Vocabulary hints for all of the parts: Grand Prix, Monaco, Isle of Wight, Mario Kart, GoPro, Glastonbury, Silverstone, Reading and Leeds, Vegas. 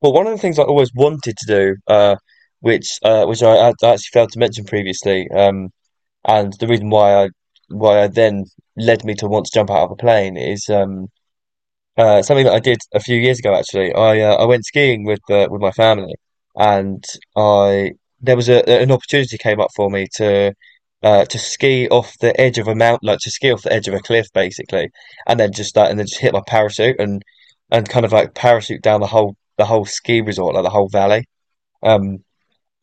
Well, one of the things I always wanted to do, which I actually failed to mention previously, and the reason why I then led me to want to jump out of a plane is something that I did a few years ago actually. I went skiing with my family, and I there was a an opportunity came up for me to ski off the edge of a mount, like to ski off the edge of a cliff basically, and then just hit my parachute and kind of like parachute down the whole ski resort, like the whole valley. Um,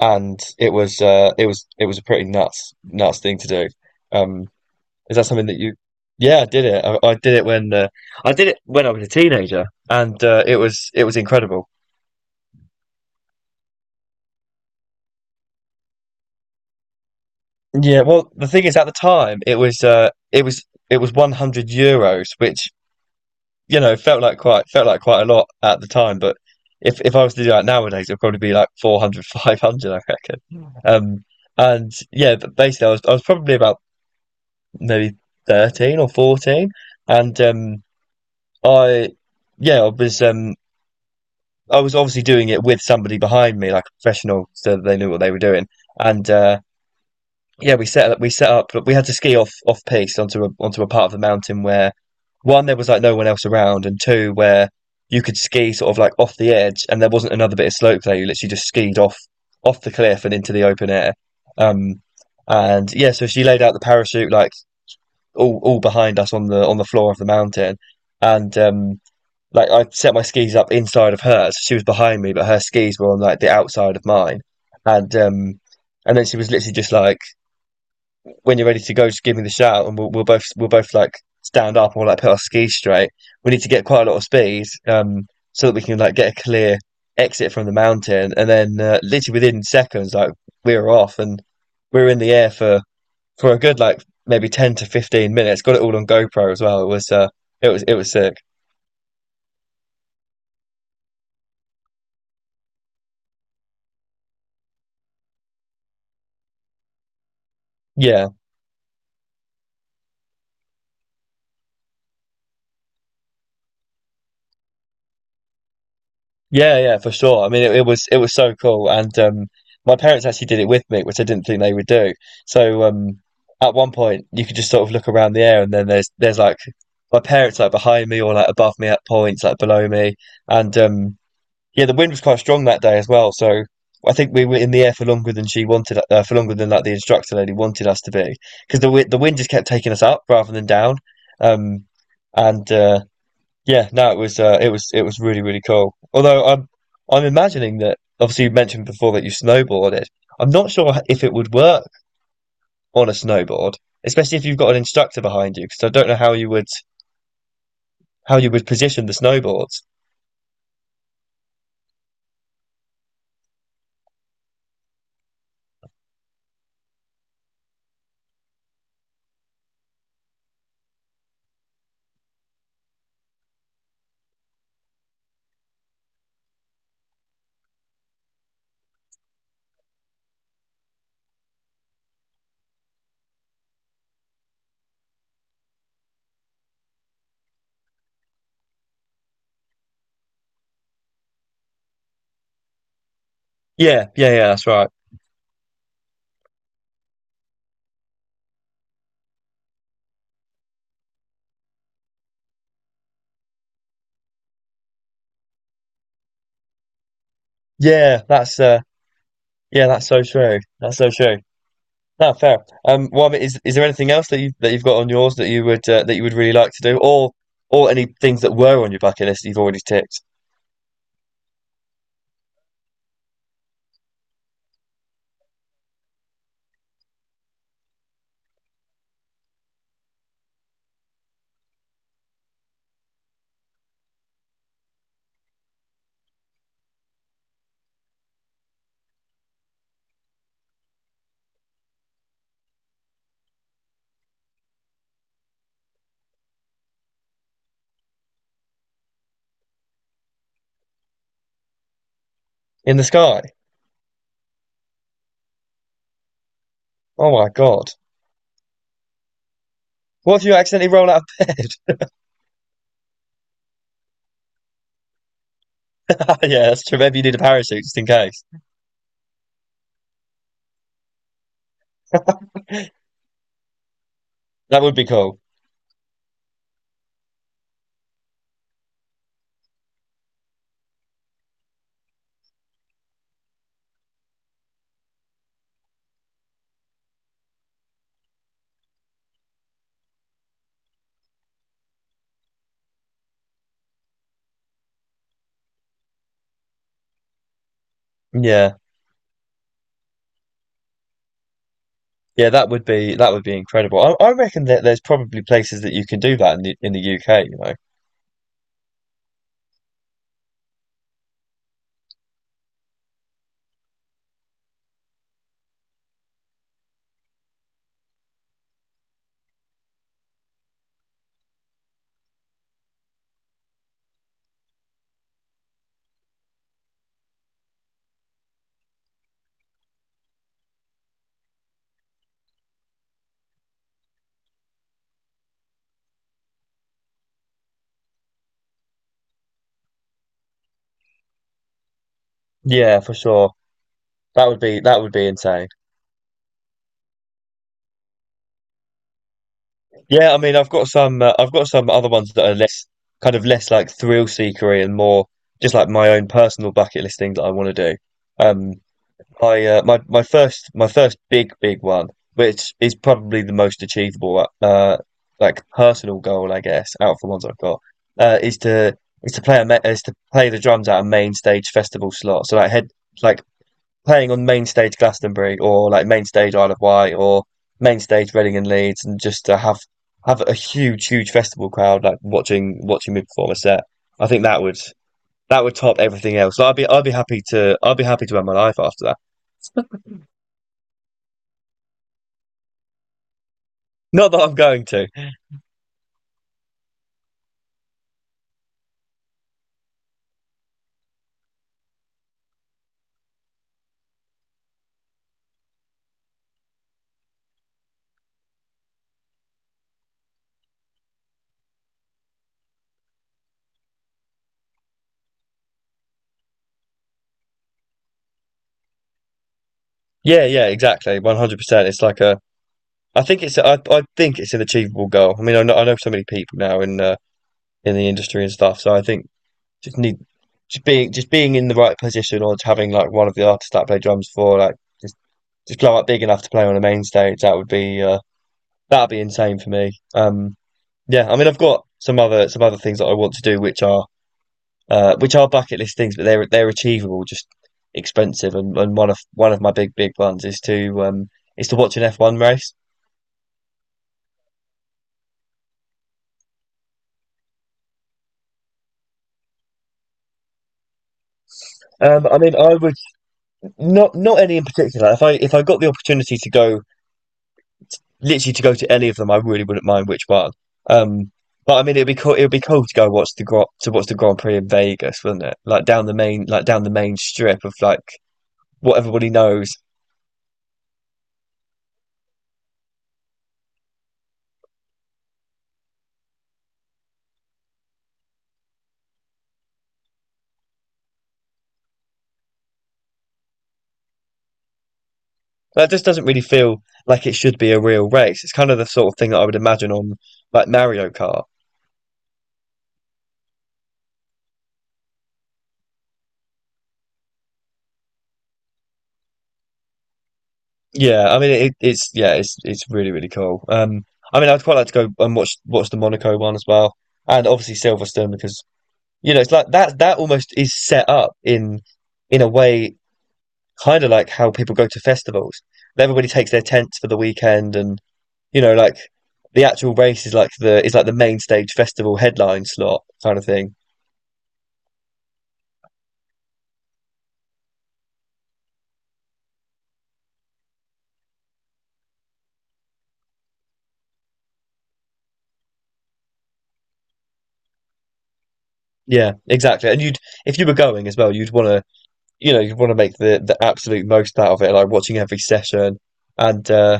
and it was it was a pretty nuts thing to do. Um, is that something that you? Yeah, I did it. I did it when I did it when I was a teenager, and it was incredible. Yeah, well, the thing is, at the time, it was it was €100, which you know felt like quite a lot at the time. But if I was to do that nowadays, it'd probably be like 400, 500, I reckon. But basically, I was probably about maybe 13 or 14, and I yeah, I was um I was obviously doing it with somebody behind me, like a professional, so that they knew what they were doing. And yeah, we set up, but we had to ski off off piste onto a onto a part of the mountain where one there was like no one else around, and two where you could ski sort of like off the edge, and there wasn't another bit of slope there. You literally just skied off the cliff and into the open air. Um, and yeah, so she laid out the parachute like all behind us on the floor of the mountain, and like I set my skis up inside of hers. She was behind me, but her skis were on like the outside of mine. And um and then she was literally just like, "When you're ready to go, just give me the shout, and we'll both like stand up and we'll like put our skis straight. We need to get quite a lot of speed, so that we can like get a clear exit from the mountain." And then literally within seconds, like we were off and we were in the air for a good like maybe 10 to 15 minutes. Got it all on GoPro as well. It was it was sick. Yeah. Yeah, yeah, for sure. I mean, it was so cool, and my parents actually did it with me, which I didn't think they would do. So at one point, you could just sort of look around the air, and then there's like my parents like behind me or like above me at points, like below me, and yeah, the wind was quite strong that day as well. So I think we were in the air for longer than she wanted, for longer than like the instructor lady wanted us to be, because the the wind just kept taking us up rather than down, um, and yeah, no, it was it was really really cool. Although I'm imagining that obviously you mentioned before that you snowboarded. I'm not sure if it would work on a snowboard, especially if you've got an instructor behind you, because I don't know how you would position the snowboards. Yeah, yeah, yeah, that's right. Yeah, that's uh, yeah, that's so true. That's so true. No, fair. Well, I mean, is there anything else that you that you've got on yours that you would really like to do, or any things that were on your bucket list that you've already ticked in the sky? Oh my God. What if you accidentally roll out of bed? Yeah, that's true. Maybe you need a parachute just in case. That would be cool. Yeah. Yeah, that would be incredible. I reckon that there's probably places that you can do that in the UK, you know. Yeah, for sure. That would be insane. Yeah, I mean, I've got some other ones that are less kind of less like thrill seekery and more just like my own personal bucket list thing that I want to do. Um, I My my first big big one, which is probably the most achievable like personal goal I guess out of the ones I've got, is to is to play the drums at a main stage festival slot. So like head like playing on main stage Glastonbury or like main stage Isle of Wight or main stage Reading and Leeds, and just to have a huge huge festival crowd like watching me perform a set. I think that would top everything else. Like, I'd be happy to I'd be happy to end my life after that. Not that I'm going to. Yeah, yeah, exactly. 100%. It's like a, I think it's an achievable goal. I mean, I know so many people now in the industry and stuff. So I think just need, just being in the right position or just having like one of the artists that I play drums for, just, just blow up big enough to play on a main stage. That would be, that'd be insane for me. Yeah, I mean, I've got some other things that I want to do, which are bucket list things, but they're achievable, just expensive. And one of One of my big big ones is to watch an F one race. I mean, I would not not any in particular. If I got the opportunity to go literally to go to any of them, I really wouldn't mind which one. Um, but I mean, it'd be cool. It'd be cool to go watch the Gro- to watch the Grand Prix in Vegas, wouldn't it? Like down the main strip of like what everybody knows. That just doesn't really feel like it should be a real race. It's kind of the sort of thing that I would imagine on like Mario Kart. Yeah, I mean it, it's yeah, it's really really cool. I mean I'd quite like to go and watch the Monaco one as well, and obviously Silverstone because you know it's like that almost is set up in a way kind of like how people go to festivals. Everybody takes their tents for the weekend, and you know like the actual race is like the main stage festival headline slot kind of thing. Yeah, exactly. If you were going as well, you'd want to, you know, you'd want to make the absolute most out of it, like watching every session and uh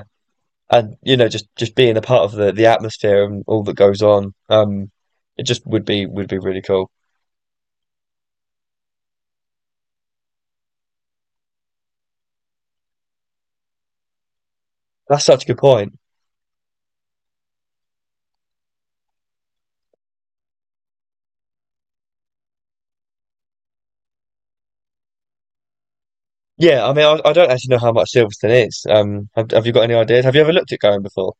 and you know just being a part of the atmosphere and all that goes on. It just would be really cool. That's such a good point. Yeah, I mean, I don't actually know how much Silverstone is. Have you got any ideas? Have you ever looked at going before?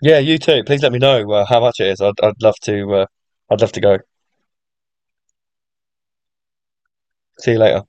Yeah, you too. Please let me know how much it is. I'd love to go. See you later.